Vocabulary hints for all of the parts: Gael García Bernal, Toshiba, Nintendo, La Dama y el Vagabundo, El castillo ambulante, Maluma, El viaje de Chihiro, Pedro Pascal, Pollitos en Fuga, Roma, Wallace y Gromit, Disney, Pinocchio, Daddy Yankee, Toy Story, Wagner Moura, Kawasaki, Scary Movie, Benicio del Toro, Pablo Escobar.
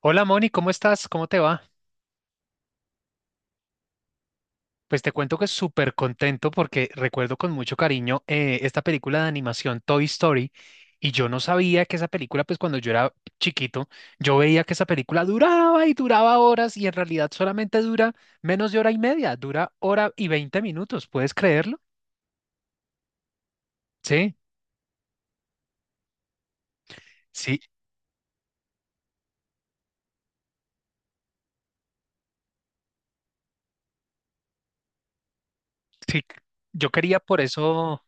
Hola Moni, ¿cómo estás? ¿Cómo te va? Pues te cuento que súper contento porque recuerdo con mucho cariño esta película de animación Toy Story y yo no sabía que esa película, pues cuando yo era chiquito, yo veía que esa película duraba y duraba horas y en realidad solamente dura menos de hora y media, dura hora y 20 minutos, ¿puedes creerlo? Sí, sí, sí. Yo quería por eso...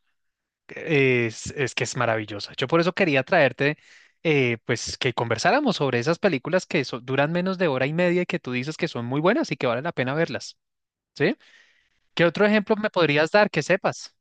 Es que es maravillosa. Yo por eso quería traerte, pues, que conversáramos sobre esas películas que duran menos de hora y media y que tú dices que son muy buenas y que vale la pena verlas, ¿sí? ¿Qué otro ejemplo me podrías dar que sepas?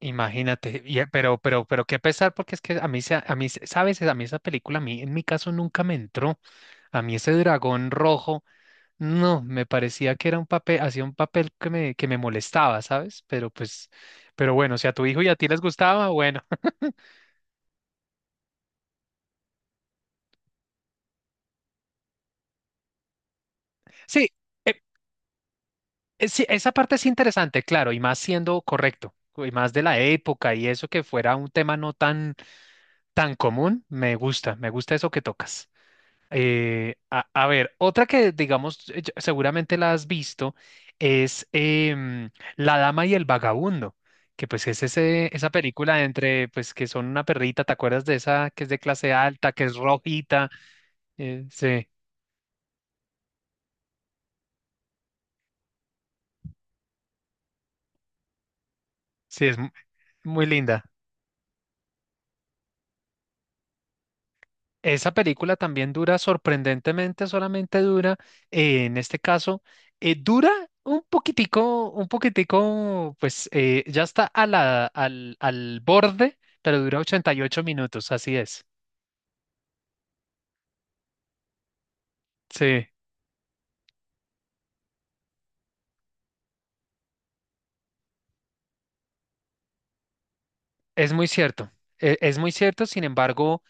Imagínate, y, pero qué pesar, porque es que a mí, sabes, a mí esa película, a mí, en mi caso nunca me entró. A mí ese dragón rojo, no, me parecía que era un papel, hacía un papel que me molestaba, ¿sabes? Pero pues, pero bueno, si a tu hijo y a ti les gustaba, bueno. Sí, eh, sí, esa parte es interesante, claro, y más siendo correcto, y más de la época y eso que fuera un tema no tan común, me gusta eso que tocas. A ver otra que digamos, seguramente la has visto, es La Dama y el Vagabundo, que pues es esa película entre, pues que son una perrita, ¿te acuerdas de esa que es de clase alta, que es rojita? Sí, sí, es muy linda. Esa película también dura sorprendentemente, solamente dura, en este caso, dura un poquitico, pues ya está a al borde, pero dura 88 minutos, así es. Sí, es muy cierto. Es muy cierto, sin embargo,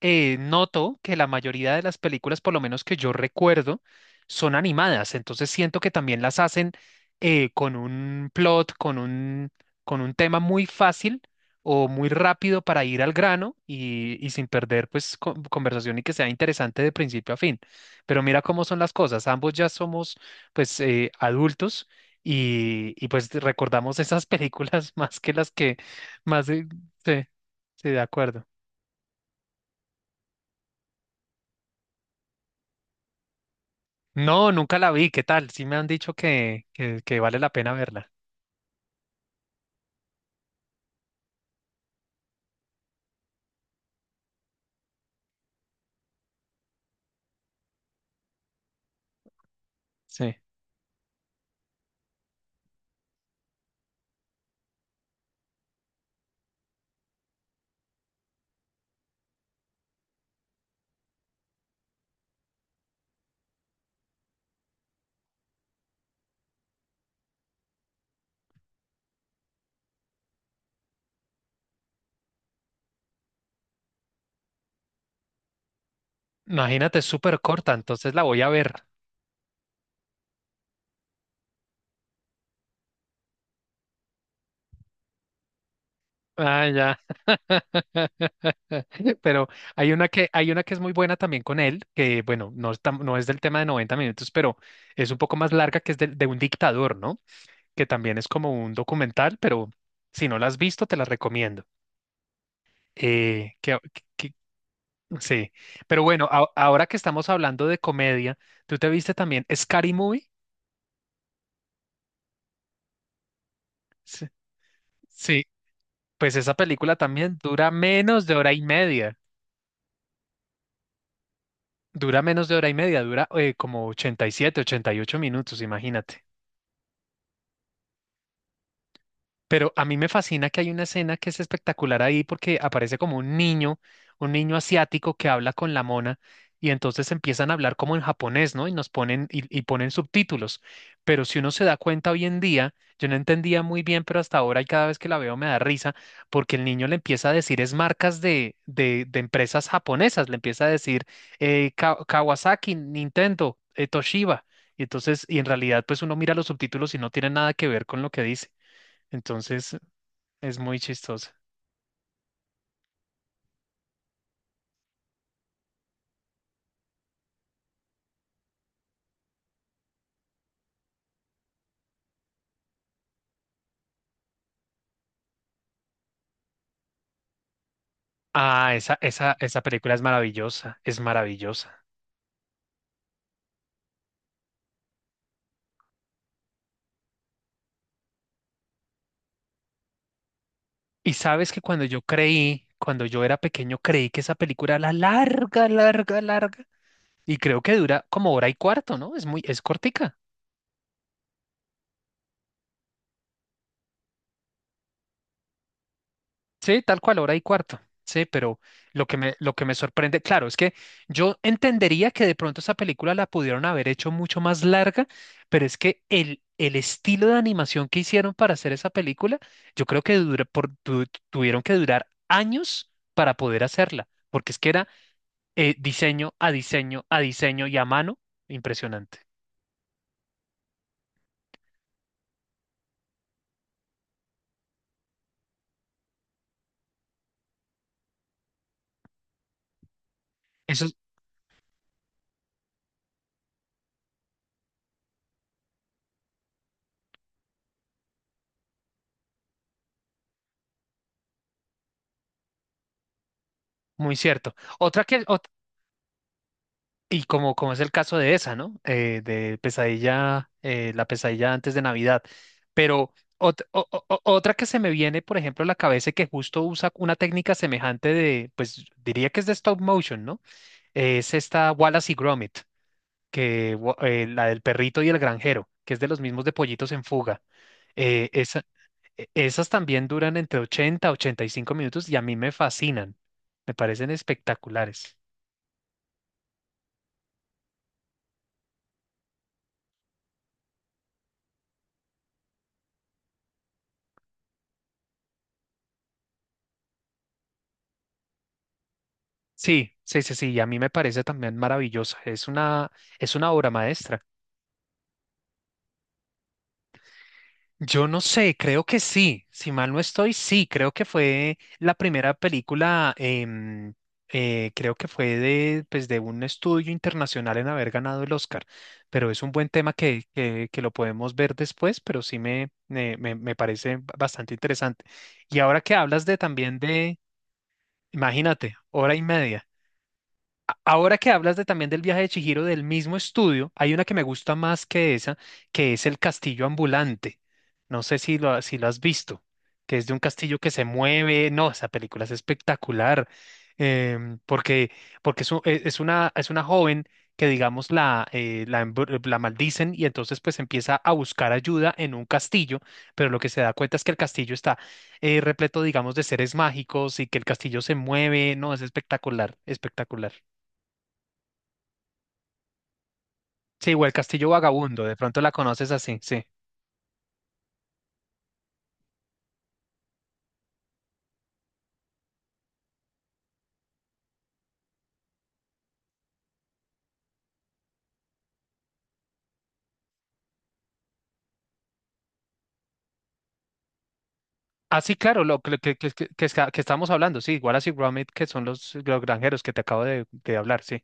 noto que la mayoría de las películas, por lo menos que yo recuerdo, son animadas. Entonces siento que también las hacen con un plot, con un tema muy fácil o muy rápido para ir al grano y sin perder pues conversación y que sea interesante de principio a fin. Pero mira cómo son las cosas. Ambos ya somos pues adultos. Y pues recordamos esas películas más que las que más... sí, sí, de acuerdo. No, nunca la vi. ¿Qué tal? Sí me han dicho que vale la pena verla. Sí. Imagínate, es súper corta, entonces la voy a ver. Ah, ya. Pero hay una que es muy buena también con él, que bueno, no es del tema de 90 minutos, pero es un poco más larga, que es de, un dictador, ¿no? Que también es como un documental, pero si no la has visto, te la recomiendo. Eh, que, que- sí. Pero bueno, ahora que estamos hablando de comedia, ¿tú te viste también Scary Movie? Sí. Sí, pues esa película también dura menos de hora y media. Dura menos de hora y media, dura como 87, 88 minutos, imagínate. Pero a mí me fascina que hay una escena que es espectacular ahí porque aparece como un niño asiático que habla con la mona y entonces empiezan a hablar como en japonés, ¿no? Y nos ponen y ponen subtítulos. Pero si uno se da cuenta hoy en día, yo no entendía muy bien, pero hasta ahora y cada vez que la veo me da risa porque el niño le empieza a decir es marcas de empresas japonesas, le empieza a decir Kawasaki, Nintendo, Toshiba. Y entonces, y en realidad, pues uno mira los subtítulos y no tiene nada que ver con lo que dice. Entonces es muy chistoso. Ah, esa película es maravillosa, es maravillosa. Y sabes que cuando yo creí, cuando yo era pequeño, creí que esa película era larga, larga, larga. Y creo que dura como hora y cuarto, ¿no? Es muy, es cortica. Sí, tal cual, hora y cuarto. Sí, pero lo que me sorprende, claro, es que yo entendería que de pronto esa película la pudieron haber hecho mucho más larga, pero es que el estilo de animación que hicieron para hacer esa película, yo creo que tuvieron que durar años para poder hacerla, porque es que era diseño a diseño a diseño y a mano, impresionante. Eso es muy cierto. Y como es el caso de esa, ¿no? La pesadilla antes de Navidad. Pero otra que se me viene, por ejemplo, a la cabeza y que justo usa una técnica semejante de, pues diría que es de stop motion, ¿no? Es esta Wallace y Gromit, la del perrito y el granjero, que es de los mismos de Pollitos en Fuga. Eh, esa- Esas también duran entre 80 a 85 minutos y a mí me fascinan. Me parecen espectaculares. Sí, sí, sí, sí, y a mí me parece también maravillosa. Es una obra maestra. Yo no sé, creo que sí, si mal no estoy, sí, creo que fue la primera película, creo que fue de, pues, de un estudio internacional en haber ganado el Oscar, pero es un buen tema que lo podemos ver después, pero sí me parece bastante interesante. Y ahora que hablas de también de, imagínate, hora y media. Ahora que hablas de, también del viaje de Chihiro del mismo estudio, hay una que me gusta más que esa, que es el castillo ambulante. No sé si lo, si lo has visto, que es de un castillo que se mueve. No, esa película es espectacular, porque, porque es, u- e- es una joven que, digamos, la maldicen y entonces pues empieza a buscar ayuda en un castillo, pero lo que se da cuenta es que el castillo está repleto, digamos, de seres mágicos y que el castillo se mueve. No, es espectacular, espectacular. Sí, o el Castillo Vagabundo, de pronto la conoces así, sí. Así, claro, lo que estábamos hablando, sí, Wallace y Gromit, que son los granjeros que te acabo de hablar, sí.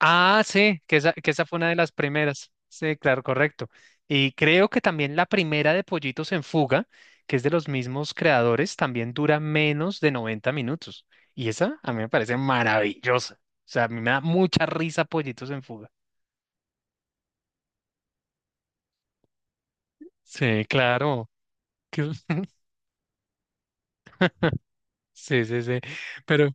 Ah, sí, que esa fue una de las primeras. Sí, claro, correcto. Y creo que también la primera de Pollitos en Fuga, que es de los mismos creadores, también dura menos de 90 minutos. Y esa a mí me parece maravillosa. O sea, a mí me da mucha risa Pollitos en Fuga. Sí, claro. que- Sí, sí, sí. Pero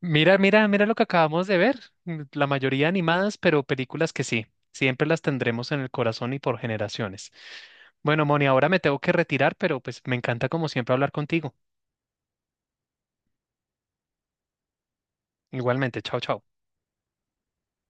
mira, mira, mira lo que acabamos de ver. La mayoría animadas, pero películas que sí, siempre las tendremos en el corazón y por generaciones. Bueno, Moni, ahora me tengo que retirar, pero pues me encanta como siempre hablar contigo. Igualmente, chao, chao.